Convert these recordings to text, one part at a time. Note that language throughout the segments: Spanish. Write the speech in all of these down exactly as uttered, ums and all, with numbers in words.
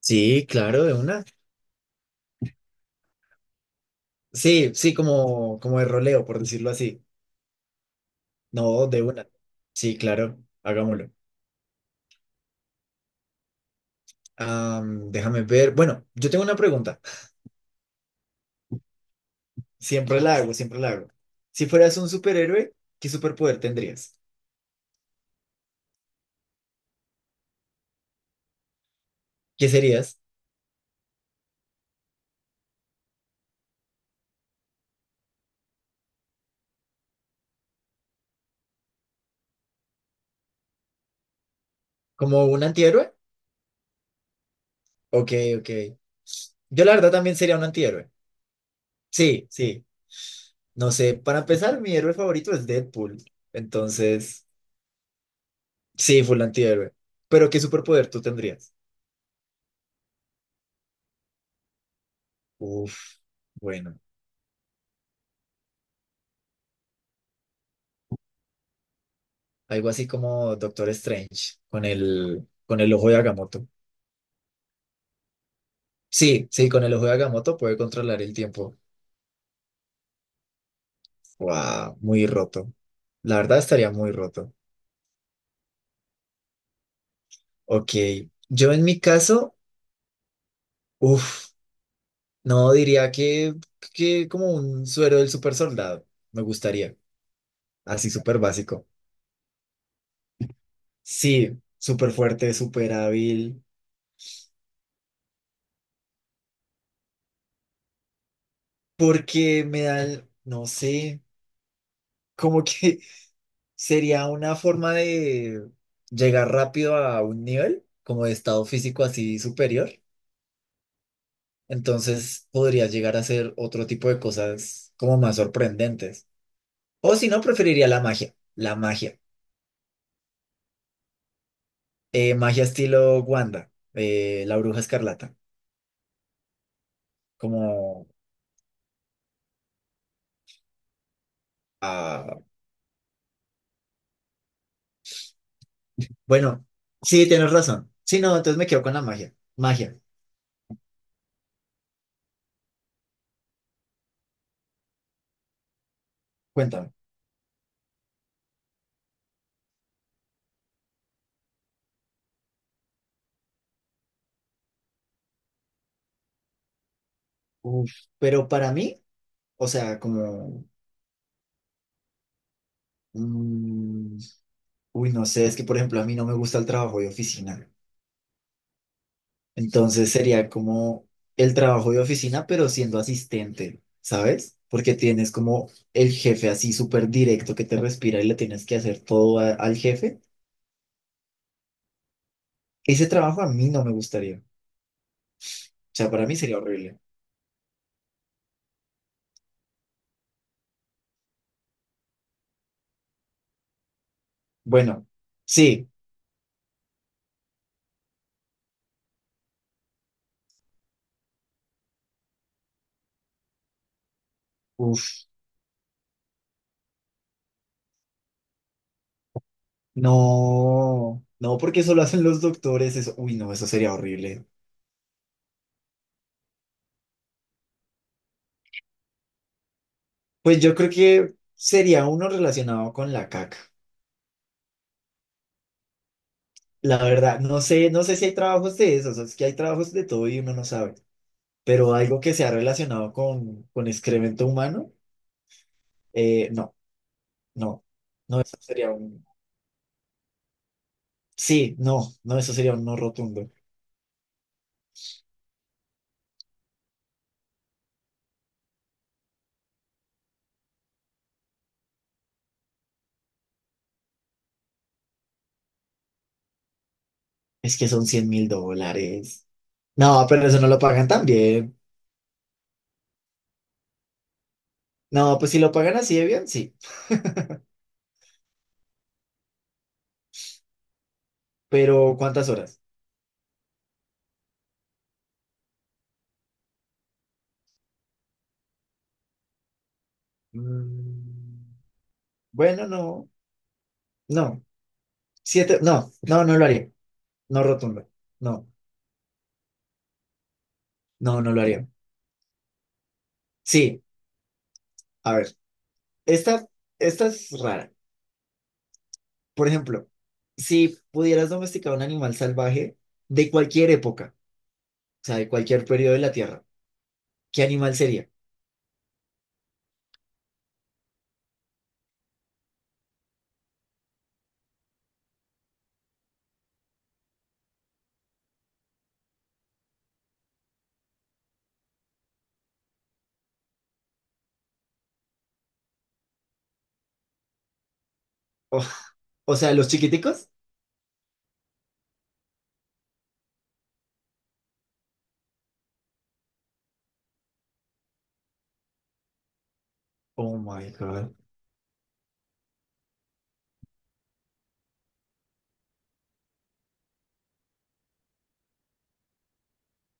Sí, claro, de una. Sí, sí, como, como de roleo, por decirlo así. No, de una. Sí, claro, hagámoslo. Am, déjame ver. Bueno, yo tengo una pregunta. Siempre la hago, siempre la hago. Si fueras un superhéroe, ¿qué superpoder tendrías? ¿Qué serías? ¿Como un antihéroe? Ok, ok. Yo la verdad también sería un antihéroe. Sí, sí. No sé, para empezar, mi héroe favorito es Deadpool. Entonces, sí, full antihéroe. Pero ¿qué superpoder tú tendrías? Uf, bueno, algo así como Doctor Strange con el, con el ojo de Agamotto. Sí, sí, con el ojo de Agamotto puede controlar el tiempo. Wow, muy roto. La verdad estaría muy roto. Ok, yo en mi caso, uf, no diría que, que como un suero del super soldado, me gustaría, así súper básico. Sí, súper fuerte, súper hábil, porque me da, el- no sé, como que sería una forma de llegar rápido a un nivel como de estado físico así superior. Entonces podría llegar a hacer otro tipo de cosas como más sorprendentes. O si no, preferiría la magia. La magia. Eh, magia estilo Wanda, eh, la bruja escarlata. Como, ah, bueno, sí, tienes razón. Sí, no, entonces me quedo con la magia. Magia, cuéntame. Uf, pero para mí, o sea, como... mm, uy, no sé, es que por ejemplo a mí no me gusta el trabajo de oficina. Entonces sería como el trabajo de oficina, pero siendo asistente, ¿sabes? Porque tienes como el jefe así súper directo que te respira y le tienes que hacer todo a- al jefe. Ese trabajo a mí no me gustaría. O sea, para mí sería horrible. Bueno, sí. Uf, no, no, porque eso lo hacen los doctores. Eso, uy, no, eso sería horrible. Pues yo creo que sería uno relacionado con la caca. La verdad, no sé, no sé si hay trabajos de esos, es que hay trabajos de todo y uno no sabe, pero algo que sea relacionado con, con excremento humano, eh, no, no, no, eso sería un, sí, no, no, eso sería un no rotundo. Es que son cien mil dólares. No, pero eso no lo pagan tan bien. No, pues si lo pagan así de bien, sí, pero ¿cuántas horas? Mm, bueno, no, no, siete, no, no, no lo haría, no rotundo, no, no, no lo haría. Sí. A ver. Esta, esta es rara. Por ejemplo, si pudieras domesticar un animal salvaje de cualquier época, o sea, de cualquier periodo de la Tierra, ¿qué animal sería? Oh, o sea, los chiquiticos. Oh my God.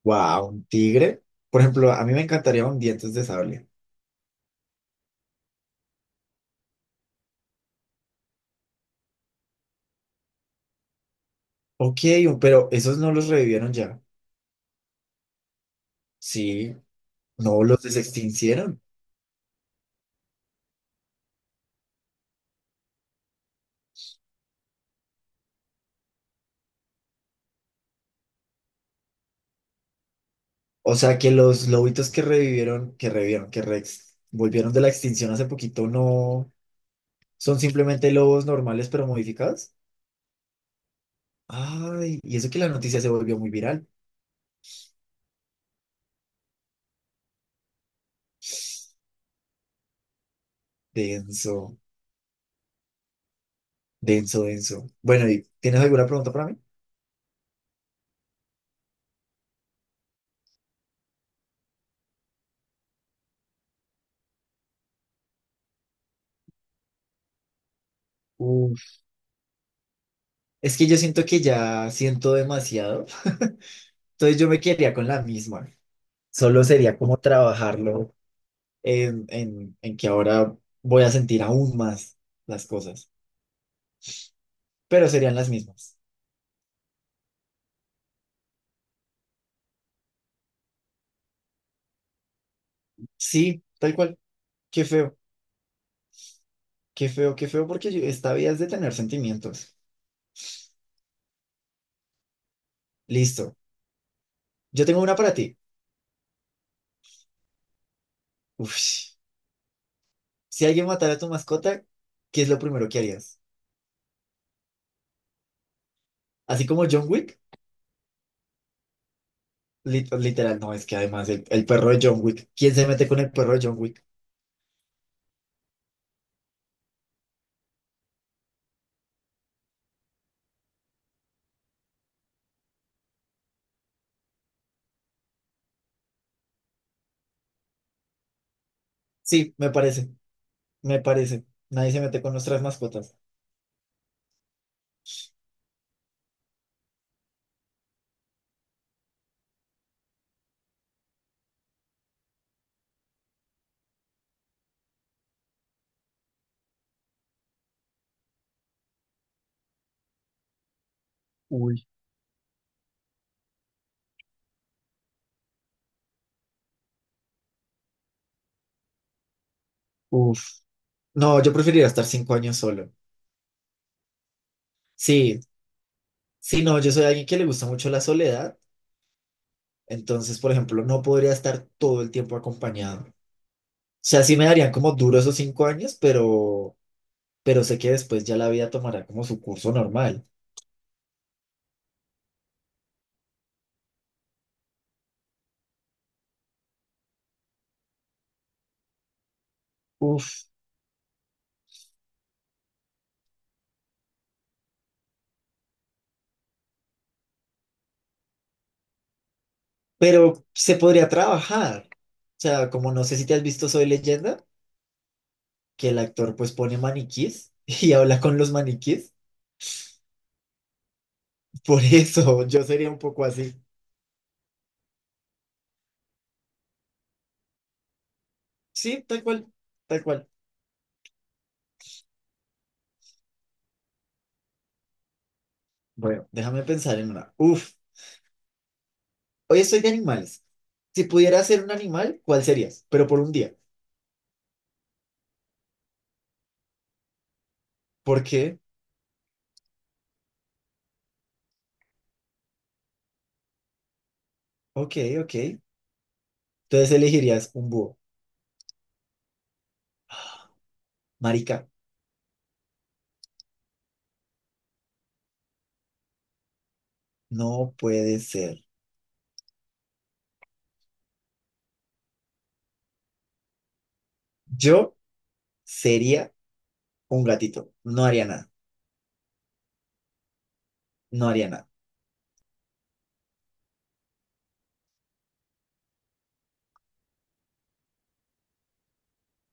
Wow, un tigre. Por ejemplo, a mí me encantaría un dientes de sable. Ok, pero esos no los revivieron ya. Sí, no los desextincieron. O sea, que los lobitos que revivieron, que revivieron, que rex, volvieron de la extinción hace poquito, no son simplemente lobos normales pero modificados. Ay, y eso que la noticia se volvió muy viral. Denso, denso, denso. Bueno, ¿y tienes alguna pregunta para mí? Uf, es que yo siento que ya siento demasiado. Entonces yo me quedaría con la misma. Solo sería como trabajarlo en, en, en que ahora voy a sentir aún más las cosas. Pero serían las mismas. Sí, tal cual. Qué feo, qué feo, qué feo, porque yo- esta vida es de tener sentimientos. Listo. Yo tengo una para ti. Uf. Si alguien matara a tu mascota, ¿qué es lo primero que harías? Así como John Wick, li- literal, no, es que además el, el perro de John Wick, ¿quién se mete con el perro de John Wick? Sí, me parece, me parece. Nadie se mete con nuestras mascotas. Uy. Uf. No, yo preferiría estar cinco años solo. Sí, sí, no, yo soy alguien que le gusta mucho la soledad, entonces, por ejemplo, no podría estar todo el tiempo acompañado. O sea, sí me darían como duro esos cinco años, pero, pero sé que después ya la vida tomará como su curso normal. Pero se podría trabajar. O sea, como no sé si te has visto Soy Leyenda, que el actor pues pone maniquís y habla con los maniquís. Por eso yo sería un poco así. Sí, tal cual, tal cual. Bueno, déjame pensar en una. Uf, hoy estoy de animales. Si pudieras ser un animal, ¿cuál serías? Pero por un día. ¿Por qué? Ok, ok. Entonces elegirías un búho. Marica, no puede ser. Yo sería un gatito. No haría nada. No haría nada.